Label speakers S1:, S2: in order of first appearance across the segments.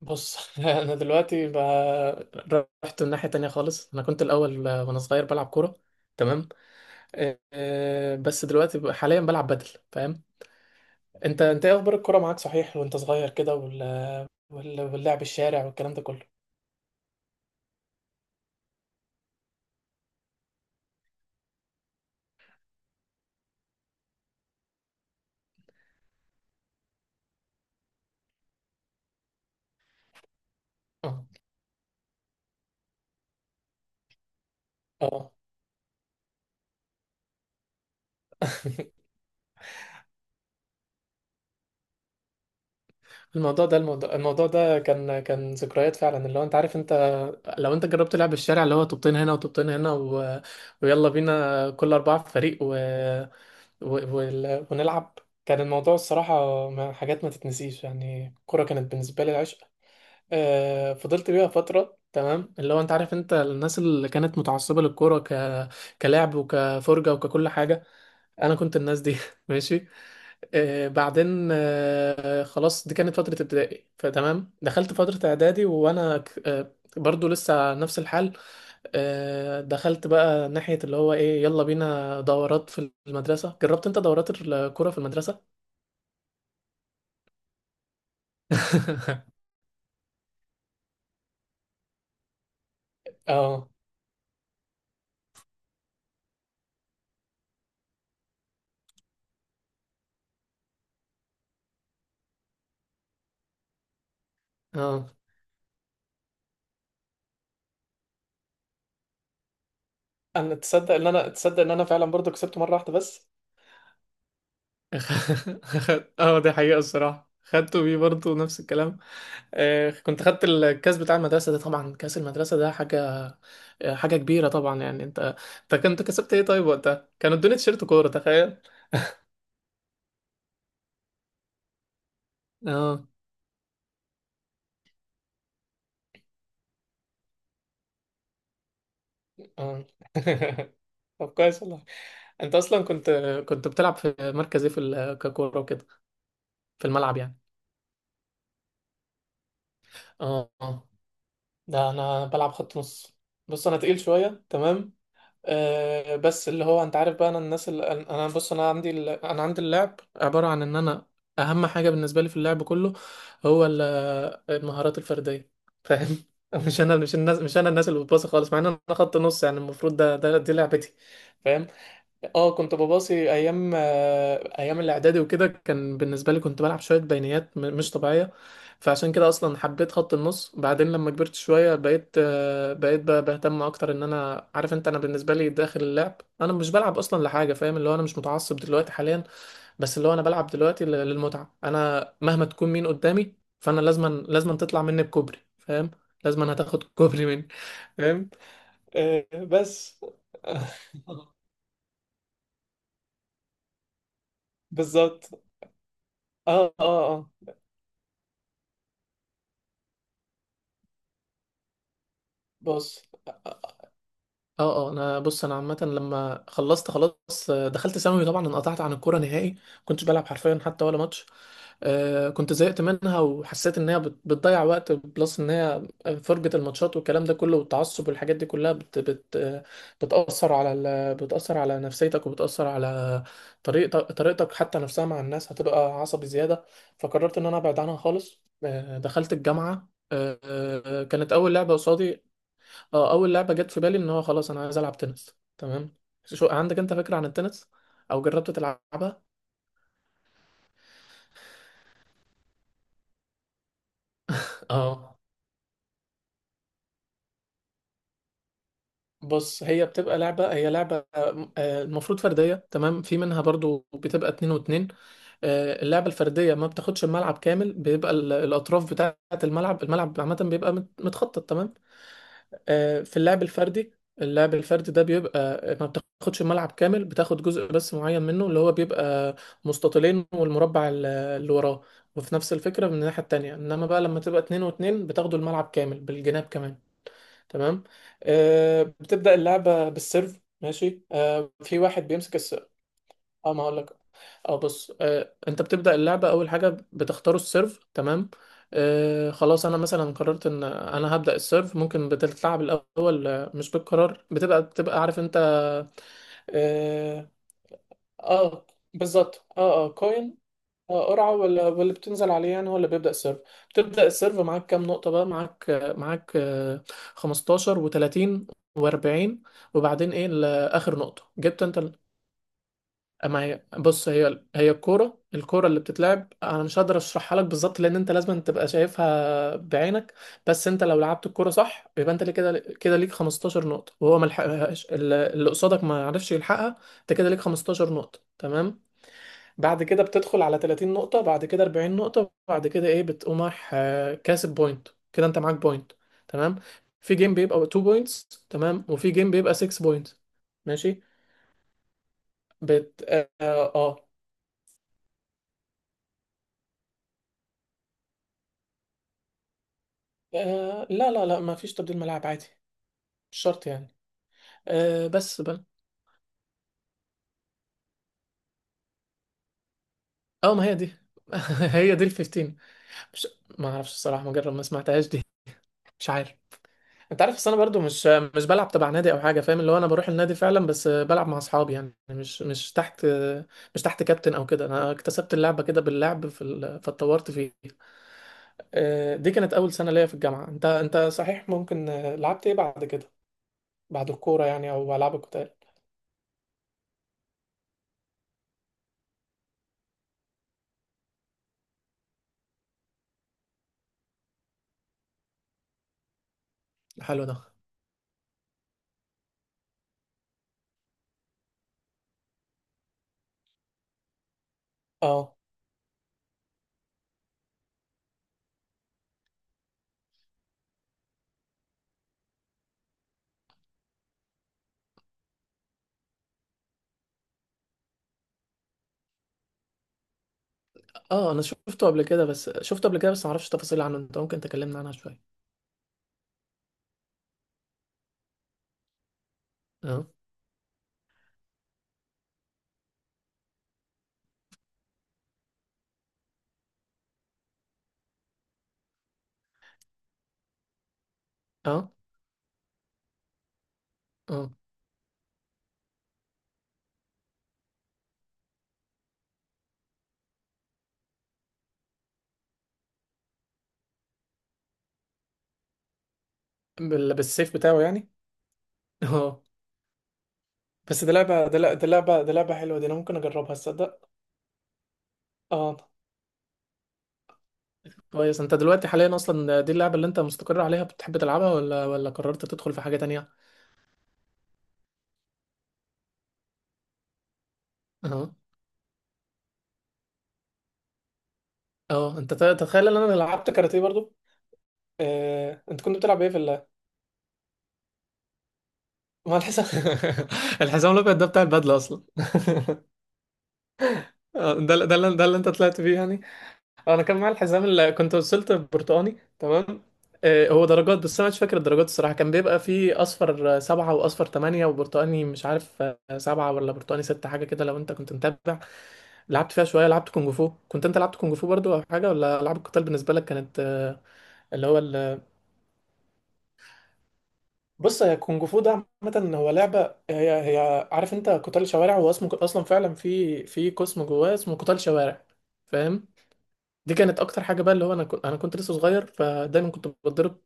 S1: بص انا دلوقتي رحت الناحية تانية خالص. انا كنت الاول، وانا صغير بلعب كورة. تمام. بس دلوقتي حاليا بلعب بدل. فاهم؟ انت ايه اخبار الكورة معاك؟ صحيح وانت صغير كده واللعب الشارع والكلام ده كله. اه، اه. الموضوع ده كان ذكريات فعلا، اللي هو انت عارف. انت لو انت جربت لعب الشارع، اللي هو طوبتين هنا وطوبتين هنا ويلا بينا كل اربعة في فريق ونلعب. كان الموضوع الصراحة، حاجات ما تتنسيش. يعني الكورة كانت بالنسبة لي العشق. فضلت بيها فترة. تمام، اللي هو انت عارف، انت الناس اللي كانت متعصبة للكورة كلعب وكفرجة وككل حاجة، انا كنت الناس دي. ماشي. بعدين خلاص، دي كانت فترة ابتدائي. فتمام، دخلت فترة اعدادي وانا برضو لسه نفس الحال. دخلت بقى ناحية اللي هو ايه، يلا بينا دورات في المدرسة. جربت انت دورات الكرة في المدرسة؟ اه، اه. انا تصدق ان انا فعلا برضو كسبت مره واحده بس. اه، دي حقيقة الصراحة، خدته بيه برضه نفس الكلام. كنت خدت الكاس بتاع المدرسة ده. طبعا كاس المدرسة ده حاجة، حاجة كبيرة طبعا. يعني انت كنت كسبت ايه طيب؟ وقتها كانوا ادوني تيشيرت كورة، تخيل. اه، اه. طب كويس والله. انت اصلا كنت بتلعب في مركز ايه ككوره وكده؟ في الملعب يعني. اه، آه. ده انا بلعب خط نص. بص انا تقيل شويه، تمام. آه، بس اللي هو انت عارف بقى، انا الناس اللي انا بص، انا عندي اللعب عباره عن ان انا اهم حاجه بالنسبه لي في اللعب كله، هو ال- المهارات الفرديه. فاهم؟ مش انا مش الناس مش انا الناس اللي بتباصي خالص، مع ان انا خط نص، يعني المفروض ده دي لعبتي. فاهم؟ اه، كنت بباصي ايام، ايام الاعدادي وكده. كان بالنسبه لي كنت بلعب شويه بينيات مش طبيعيه. فعشان كده اصلا حبيت خط النص. بعدين لما كبرت شويه بقيت، بقيت بهتم اكتر. ان انا عارف انت، انا بالنسبه لي داخل اللعب انا مش بلعب اصلا لحاجه، فاهم؟ اللي هو انا مش متعصب دلوقتي حاليا، بس اللي هو انا بلعب دلوقتي للمتعه. انا مهما تكون مين قدامي، فانا لازما تطلع مني بكوبري، فاهم؟ لازما هتاخد كوبري مني. فاهم؟ آه، بس بالظبط. اه، اه، اه. بص، اه، اه، انا بص انا عامه، لما خلصت خلاص، دخلت ثانوي، طبعا انقطعت عن الكوره نهائي، كنتش بلعب حرفيا حتى ولا ماتش. آه، كنت زهقت منها، وحسيت ان هي بتضيع وقت بلس، ان هي فرجه الماتشات والكلام ده كله والتعصب والحاجات دي كلها بت بت آه، بتاثر على بتاثر على نفسيتك، وبتاثر على طريقتك حتى نفسها مع الناس، هتبقى عصبي زياده. فقررت ان انا ابعد عنها خالص. دخلت الجامعه. كانت اول لعبه قصادي. اه، اول لعبه جت في بالي ان هو خلاص انا عايز العب تنس. تمام، شو عندك انت فكره عن التنس؟ او جربت تلعبها؟ اه، بص هي بتبقى لعبة، هي لعبة، المفروض فردية. تمام، في منها برضو بتبقى اتنين واتنين. اللعبة الفردية ما بتاخدش الملعب كامل، بيبقى الأطراف بتاعة الملعب عامة بيبقى متخطط. تمام، في اللعب الفردي، اللعب الفردي ده بيبقى ما بتاخدش الملعب كامل، بتاخد جزء بس معين منه، اللي هو بيبقى مستطيلين والمربع اللي وراه. وفي نفس الفكرة من الناحية التانية، انما بقى لما تبقى اتنين واتنين بتاخدوا الملعب كامل بالجناب كمان. تمام، بتبدأ اللعبة بالسيرف. ماشي، في واحد بيمسك. اه، ما هقول لك. اه، بص، آه، انت بتبدأ اللعبة، اول حاجة بتختاروا السيرف. تمام، آه، خلاص انا مثلا قررت ان انا هبدأ السيرف، ممكن بتتلعب الاول، مش بالقرار، بتبقى عارف انت. اه. آه، بالظبط، اه، اه، كوين. اه، قرعة ولا، واللي بتنزل عليه يعني هو اللي بيبدأ السيرف. بتبدأ السيرف، معاك كام نقطة بقى؟ معاك، معاك، آه، 15 و30 و40. وبعدين ايه اخر نقطة جبت انت؟ ما هي بص، هي الكوره اللي بتتلعب انا مش هقدر اشرحها لك بالظبط، لان انت لازم تبقى شايفها بعينك. بس انت لو لعبت الكوره صح، يبقى انت ليه كده ليك 15 نقطه، وهو ما لحقهاش، اللي قصادك ما عرفش يلحقها، انت كده ليك 15 نقطه. تمام، بعد كده بتدخل على 30 نقطه، بعد كده 40 نقطه، بعد كده ايه، بتقوم رايح، كاسب بوينت كده، انت معاك بوينت. تمام، في جيم بيبقى 2 بوينتس، تمام، وفي جيم بيبقى 6 بوينتس. ماشي. بت اه آه، آه لا، لا، لا، ما فيش تبديل ملاعب عادي، مش شرط يعني. آه بس بل اه، ما هي دي هي دي ال 15. مش، ما اعرفش الصراحه، ما جرب، ما سمعتهاش دي. مش عارف. انت عارف، بس انا برضو مش، مش بلعب تبع نادي او حاجه، فاهم؟ اللي هو انا بروح النادي فعلا، بس بلعب مع اصحابي يعني، مش، مش تحت، مش تحت كابتن او كده. انا اكتسبت اللعبه كده باللعب في فاتطورت فيه. آه، دي كانت اول سنه ليا في الجامعه. انت صحيح، ممكن، لعبت ايه بعد كده؟ بعد الكوره يعني، او العاب القتال. حلو ده. اه، اه، انا شفته قبل كده، بس شفته قبل كده بس ما اعرفش تفاصيل عنه. انت ممكن تكلمنا عنها شويه؟ اه، اه، اه. بالسيف بتاعه يعني؟ اه، بس دي لعبه، دي لعبه حلوه دي، انا ممكن اجربها تصدق. اه، كويس. انت دلوقتي حاليا اصلا دي اللعبه اللي انت مستقر عليها، بتحب تلعبها، ولا، ولا قررت تدخل في حاجه تانية؟ اه، اه، انت تتخيل ان انا لعبت كاراتيه برضو؟ آه. انت كنت بتلعب ايه في ال؟ ما الحزام الحزام الابيض ده بتاع البدله اصلا. ده اللي انت طلعت فيه يعني؟ انا كان معايا الحزام اللي كنت وصلت برتقاني. تمام، هو درجات، بس انا مش فاكر الدرجات الصراحه. كان بيبقى فيه اصفر، سبعة، واصفر تمانية، وبرتقاني مش عارف، سبعة، ولا برتقاني ستة، حاجه كده، لو انت كنت متابع. لعبت فيها شويه، لعبت كونج فو. كنت انت لعبت كونج فو برضو او حاجه؟ ولا العاب القتال بالنسبه لك كانت، اللي هو ال... بص، هي كونج فو ده عامه هو لعبه، هي عارف انت قتال شوارع، هو اسمه اصلا فعلا في قسم جواه اسمه قتال شوارع. فاهم؟ دي كانت اكتر حاجه بقى، اللي هو انا كنت لسه صغير، فدايما كنت بتضرب،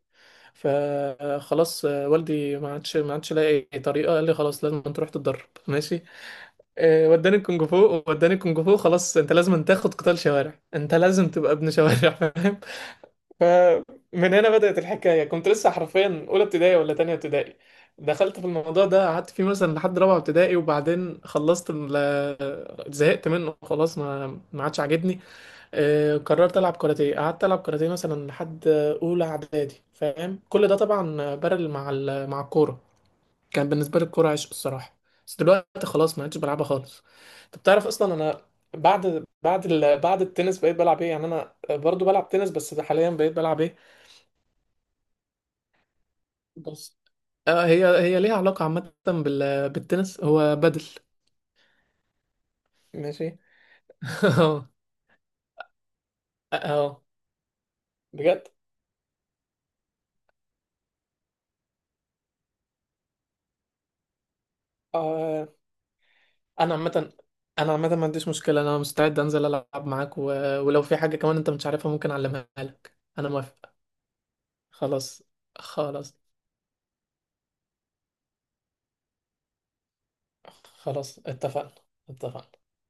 S1: فخلاص والدي ما عادش لاقي أي طريقه، قال لي خلاص، لازم انت تروح تتدرب. ماشي، وداني الكونج فو، خلاص انت لازم أن تاخد قتال شوارع، انت لازم تبقى ابن شوارع. فاهم؟ فمن هنا بدأت الحكايه. كنت لسه حرفيا اولى ابتدائي ولا تانية ابتدائي، دخلت في الموضوع ده، قعدت فيه مثلا لحد رابعه ابتدائي، وبعدين خلصت زهقت منه خلاص، ما عادش عاجبني. قررت العب كاراتيه، قعدت العب كاراتيه مثلا لحد اولى اعدادي. فاهم؟ كل ده طبعا بارل مع مع الكوره. كان بالنسبه لي الكوره عشق الصراحه، بس دلوقتي خلاص ما عدتش بلعبها خالص. انت بتعرف اصلا انا، بعد بعد التنس بقيت بلعب ايه يعني؟ انا برضو بلعب تنس، بس حاليا بقيت بلعب ايه؟ بس، آه، هي ليها علاقه عامه بالتنس، هو بدل. ماشي، اه، اه، بجد. انا عامه انا عامه ما عنديش مشكله، انا مستعد انزل العب معاك ولو في حاجه كمان انت مش عارفها ممكن اعلمها لك، انا موافق. خلاص. خلاص خلاص اتفقنا، اتفقنا.